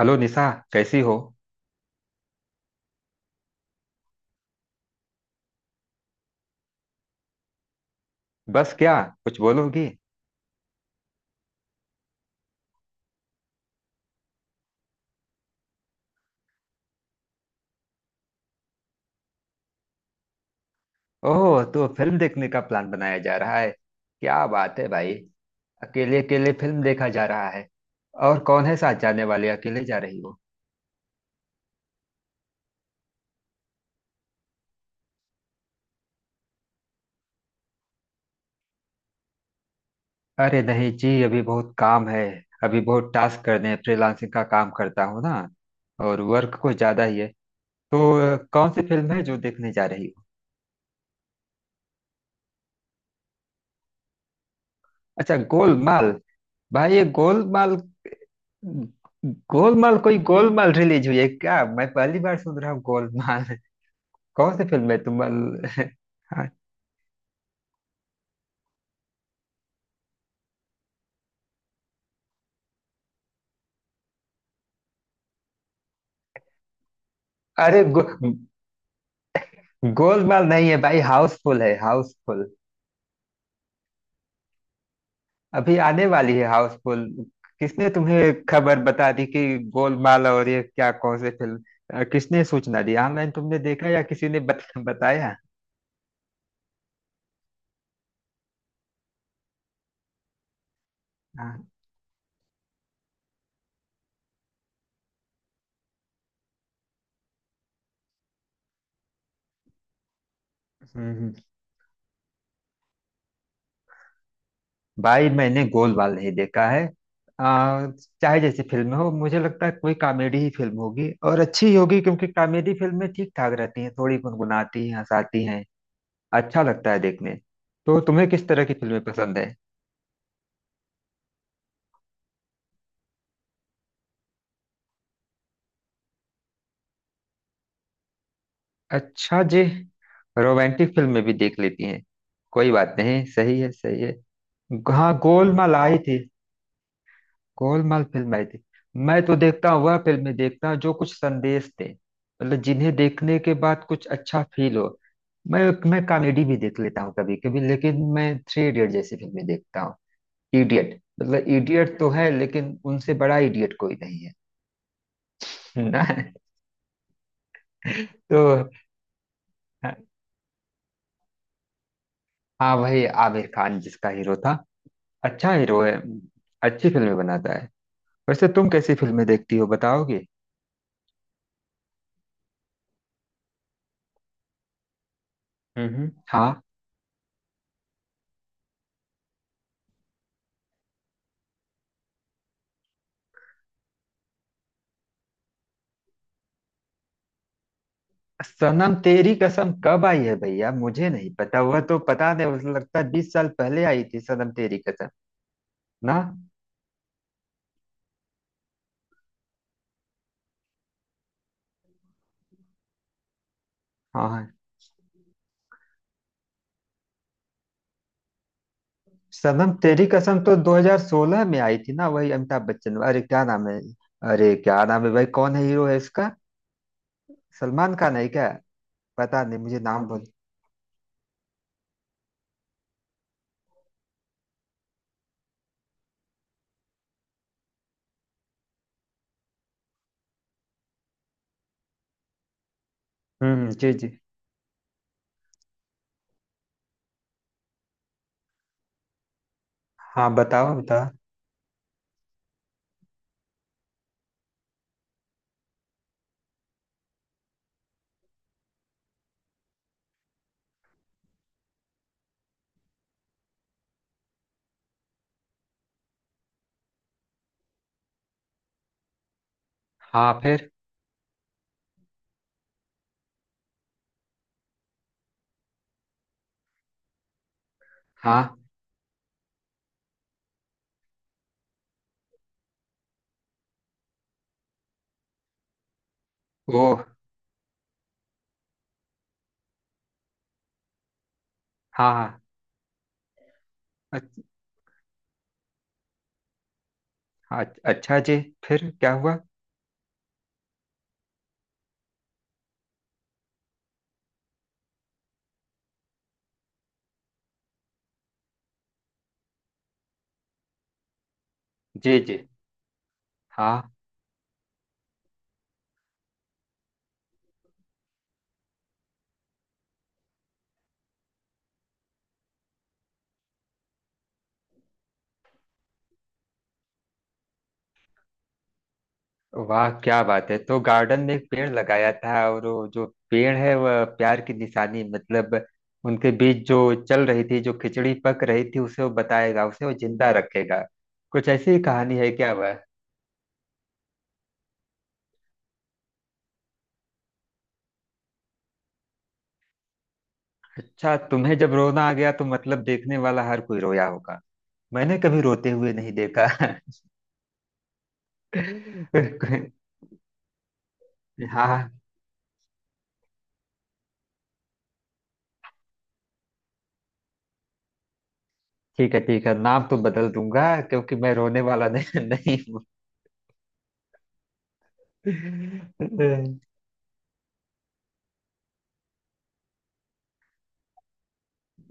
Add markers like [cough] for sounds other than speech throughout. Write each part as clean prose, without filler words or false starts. Hello Nisha. कैसी हो? बस क्या? कुछ बोलोगी? ओह, तो फिल्म देखने का प्लान बनाया जा रहा है। क्या बात है भाई। अकेले अकेले फिल्म देखा जा रहा है? और कौन है साथ जाने वाले? अकेले जा रही हो? अरे नहीं जी, अभी बहुत काम है। अभी बहुत टास्क करने हैं। फ्रीलांसिंग का काम करता हूँ ना। और वर्क कुछ ज्यादा ही है। तो कौन सी फिल्म है जो देखने जा रही हो? अच्छा, गोलमाल। भाई, ये गोलमाल। गोलमाल? कोई गोलमाल रिलीज हुई है क्या? मैं पहली बार सुन रहा हूँ गोलमाल। कौन सी फिल्म है तुम? हाँ। अरे गोलमाल नहीं है भाई, हाउसफुल है, हाउसफुल। अभी आने वाली है हाउसफुल। किसने तुम्हें खबर बता दी कि गोलमाल, और ये क्या, कौन सी फिल्म? किसने सूचना दी? ऑनलाइन तुमने देखा या किसी ने बताया? हाँ। हम्म, भाई मैंने गोलमाल नहीं देखा है। आ, चाहे जैसी फिल्म हो, मुझे लगता है कोई कॉमेडी ही फिल्म होगी और अच्छी ही होगी, क्योंकि कॉमेडी फिल्में ठीक ठाक रहती हैं, थोड़ी गुनगुनाती हैं, हंसाती हैं। अच्छा लगता है देखने। तो तुम्हें किस तरह की फिल्में पसंद है? अच्छा जी। रोमांटिक फिल्में भी देख लेती हैं। कोई बात नहीं, सही है, सही है। हाँ, गोलमाल आई थी। गोलमाल फिल्म आई थी। मैं तो देखता हूँ, वह फिल्में देखता हूँ जो कुछ संदेश दे। मतलब जिन्हें देखने के बाद कुछ अच्छा फील हो। मैं मैं कॉमेडी भी देख लेता हूँ कभी कभी, लेकिन मैं थ्री इडियट जैसी फिल्में देखता हूँ। इडियट मतलब इडियट तो है, लेकिन उनसे बड़ा इडियट कोई नहीं है [laughs] ना। तो हाँ, वही आमिर खान जिसका हीरो था। अच्छा हीरो है। अच्छी फिल्में बनाता है। वैसे तुम कैसी फिल्में देखती हो बताओगे? हम्म, हाँ। सनम तेरी कसम कब आई है भैया? मुझे नहीं पता, वह तो पता नहीं, मुझे लगता है 20 साल पहले आई थी सनम तेरी कसम। ना। हाँ, हाँ। सनम तेरी कसम तो 2016 में आई थी ना, वही अमिताभ बच्चन, अरे क्या नाम है? अरे क्या नाम है भाई, कौन है हीरो है इसका? सलमान खान है क्या? पता नहीं, मुझे नाम भूल। हम्म, जी जी। हाँ, बताओ बताओ। हाँ, फिर? हाँ, वो। हाँ हाँ। अच्छ- हाँ, अच्छा जी। फिर क्या हुआ? जी जी। हाँ, वाह क्या बात है। तो गार्डन में एक पेड़ लगाया था, और वो जो पेड़ है वह प्यार की निशानी, मतलब उनके बीच जो चल रही थी, जो खिचड़ी पक रही थी, उसे वो बताएगा, उसे वो जिंदा रखेगा। कुछ ऐसी ही कहानी है क्या वह? अच्छा, तुम्हें जब रोना आ गया, तो मतलब देखने वाला हर कोई रोया होगा। मैंने कभी रोते हुए नहीं देखा। [laughs] हाँ, ठीक है ठीक है, नाम तो बदल दूंगा, क्योंकि मैं रोने वाला [laughs] नहीं, नहीं हूँ।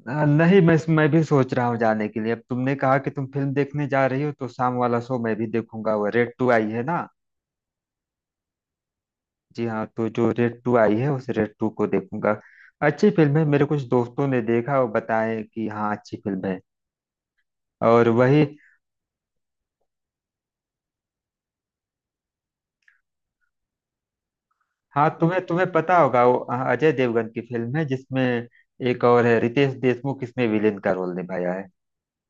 नहीं, मैं भी सोच रहा हूँ जाने के लिए। अब तुमने कहा कि तुम फिल्म देखने जा रही हो, तो शाम वाला शो मैं भी देखूंगा, वो रेड टू आई है ना। जी हाँ, तो जो रेड टू आई है उस रेड टू को देखूंगा। अच्छी फिल्म है, मेरे कुछ दोस्तों ने देखा और बताए कि हाँ अच्छी फिल्म है। और वही, हाँ, तुम्हें तुम्हें पता होगा वो, हाँ, अजय देवगन की फिल्म है जिसमें एक और है रितेश देशमुख, इसमें विलेन का रोल निभाया है।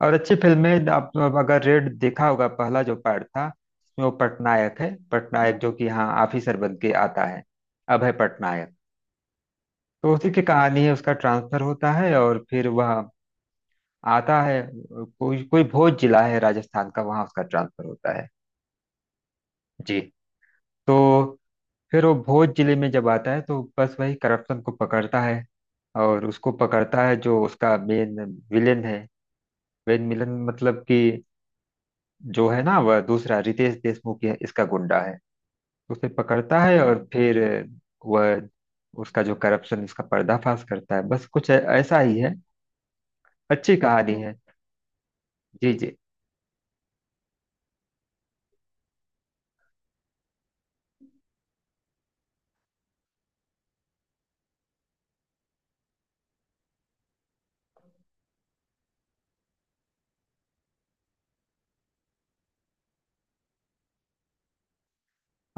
और अच्छी फिल्म है। आप अगर रेड देखा होगा, पहला जो पार्ट था उसमें, वो पटनायक है, पटनायक जो कि यहाँ ऑफिसर बन के आता है। अभय पटनायक। तो उसी की कहानी है, उसका ट्रांसफर होता है और फिर वह आता है, कोई कोई भोज जिला है राजस्थान का, वहाँ उसका ट्रांसफर होता है। जी। तो फिर वो भोज जिले में जब आता है, तो बस वही करप्शन को पकड़ता है। और उसको पकड़ता है जो उसका मेन विलेन है। मेन विलेन मतलब कि जो है ना, वह दूसरा रितेश देशमुख है, इसका गुंडा है। उसे पकड़ता है, और हाँ, फिर वह उसका जो करप्शन उसका पर्दाफाश करता है, बस कुछ ऐसा ही है। अच्छी कहानी है। जी जी।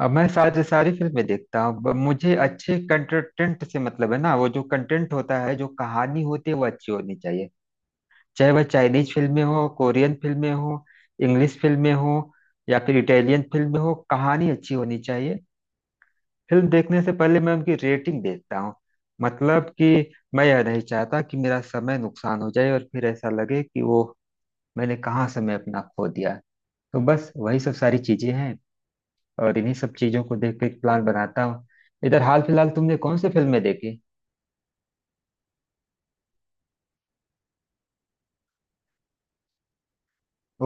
अब मैं सारी सारी फिल्में देखता हूँ, मुझे अच्छे कंटेंट से मतलब है ना, वो जो कंटेंट होता है, जो कहानी होती है वो अच्छी होनी चाहिए। चाहे वह चाइनीज फिल्में हो, कोरियन फिल्में हो, इंग्लिश फिल्में हो, या फिर इटालियन फिल्में हो, कहानी अच्छी होनी चाहिए। फिल्म देखने से पहले मैं उनकी रेटिंग देखता हूँ। मतलब कि मैं यह नहीं चाहता कि मेरा समय नुकसान हो जाए और फिर ऐसा लगे कि वो, मैंने कहाँ समय अपना खो दिया। तो बस वही सब सारी चीजें हैं। और इन्हीं सब चीजों को देख के एक प्लान बनाता हूँ। इधर हाल फिलहाल तुमने कौन सी फिल्में देखी?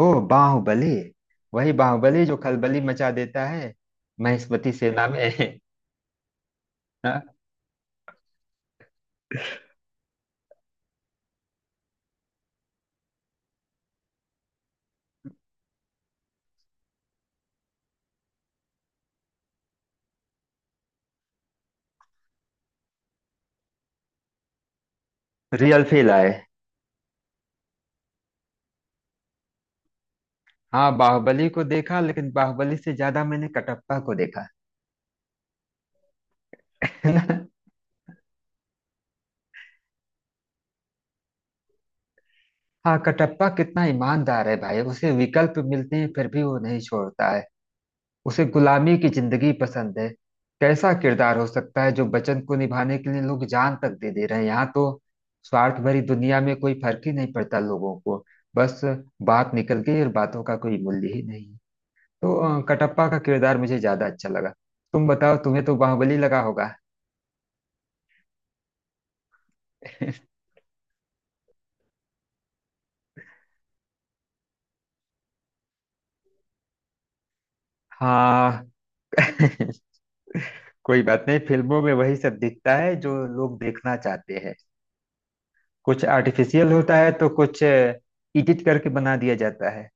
ओ, बाहुबली। वही बाहुबली जो खलबली मचा देता है महेशमती सेना में। [laughs] हाँ। रियल फील आए। हाँ, बाहुबली को देखा, लेकिन बाहुबली से ज्यादा मैंने कटप्पा को देखा। [laughs] हाँ, कटप्पा कितना ईमानदार है भाई, उसे विकल्प मिलते हैं फिर भी वो नहीं छोड़ता है। उसे गुलामी की जिंदगी पसंद है। कैसा किरदार हो सकता है जो वचन को निभाने के लिए लोग जान तक दे दे रहे हैं, यहाँ तो स्वार्थ भरी दुनिया में कोई फर्क ही नहीं पड़ता लोगों को। बस, बात निकल गई और बातों का कोई मूल्य ही नहीं। तो कटप्पा का किरदार मुझे ज्यादा अच्छा लगा। तुम बताओ, तुम्हें तो बाहुबली लगा होगा। [laughs] हाँ [laughs] कोई बात नहीं, फिल्मों में वही सब दिखता है जो लोग देखना चाहते हैं। कुछ आर्टिफिशियल होता है, तो कुछ एडिट करके बना दिया जाता है।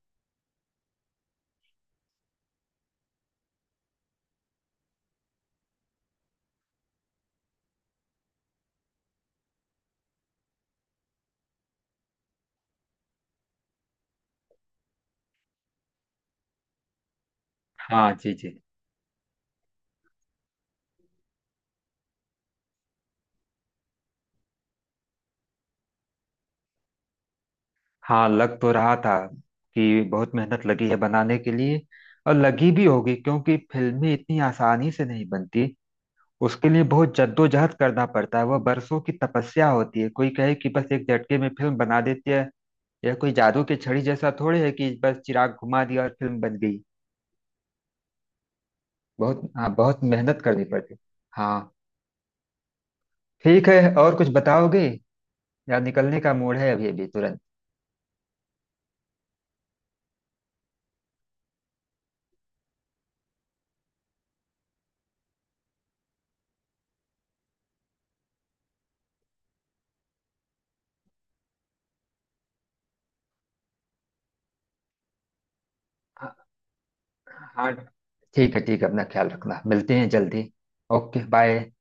हाँ, जी जी। हाँ, लग तो रहा था कि बहुत मेहनत लगी है बनाने के लिए। और लगी भी होगी, क्योंकि फिल्में इतनी आसानी से नहीं बनती। उसके लिए बहुत जद्दोजहद करना पड़ता है, वह बरसों की तपस्या होती है। कोई कहे कि बस एक झटके में फिल्म बना देती है, यह कोई जादू की छड़ी जैसा थोड़ी है कि बस चिराग घुमा दिया और फिल्म बन गई। बहुत, हाँ, बहुत मेहनत करनी पड़ती। हाँ। ठीक है, और कुछ बताओगे? यार, निकलने का मूड है अभी अभी, तुरंत। हाँ हाँ, ठीक है ठीक है, अपना ख्याल रखना, मिलते हैं जल्दी। Okay bye.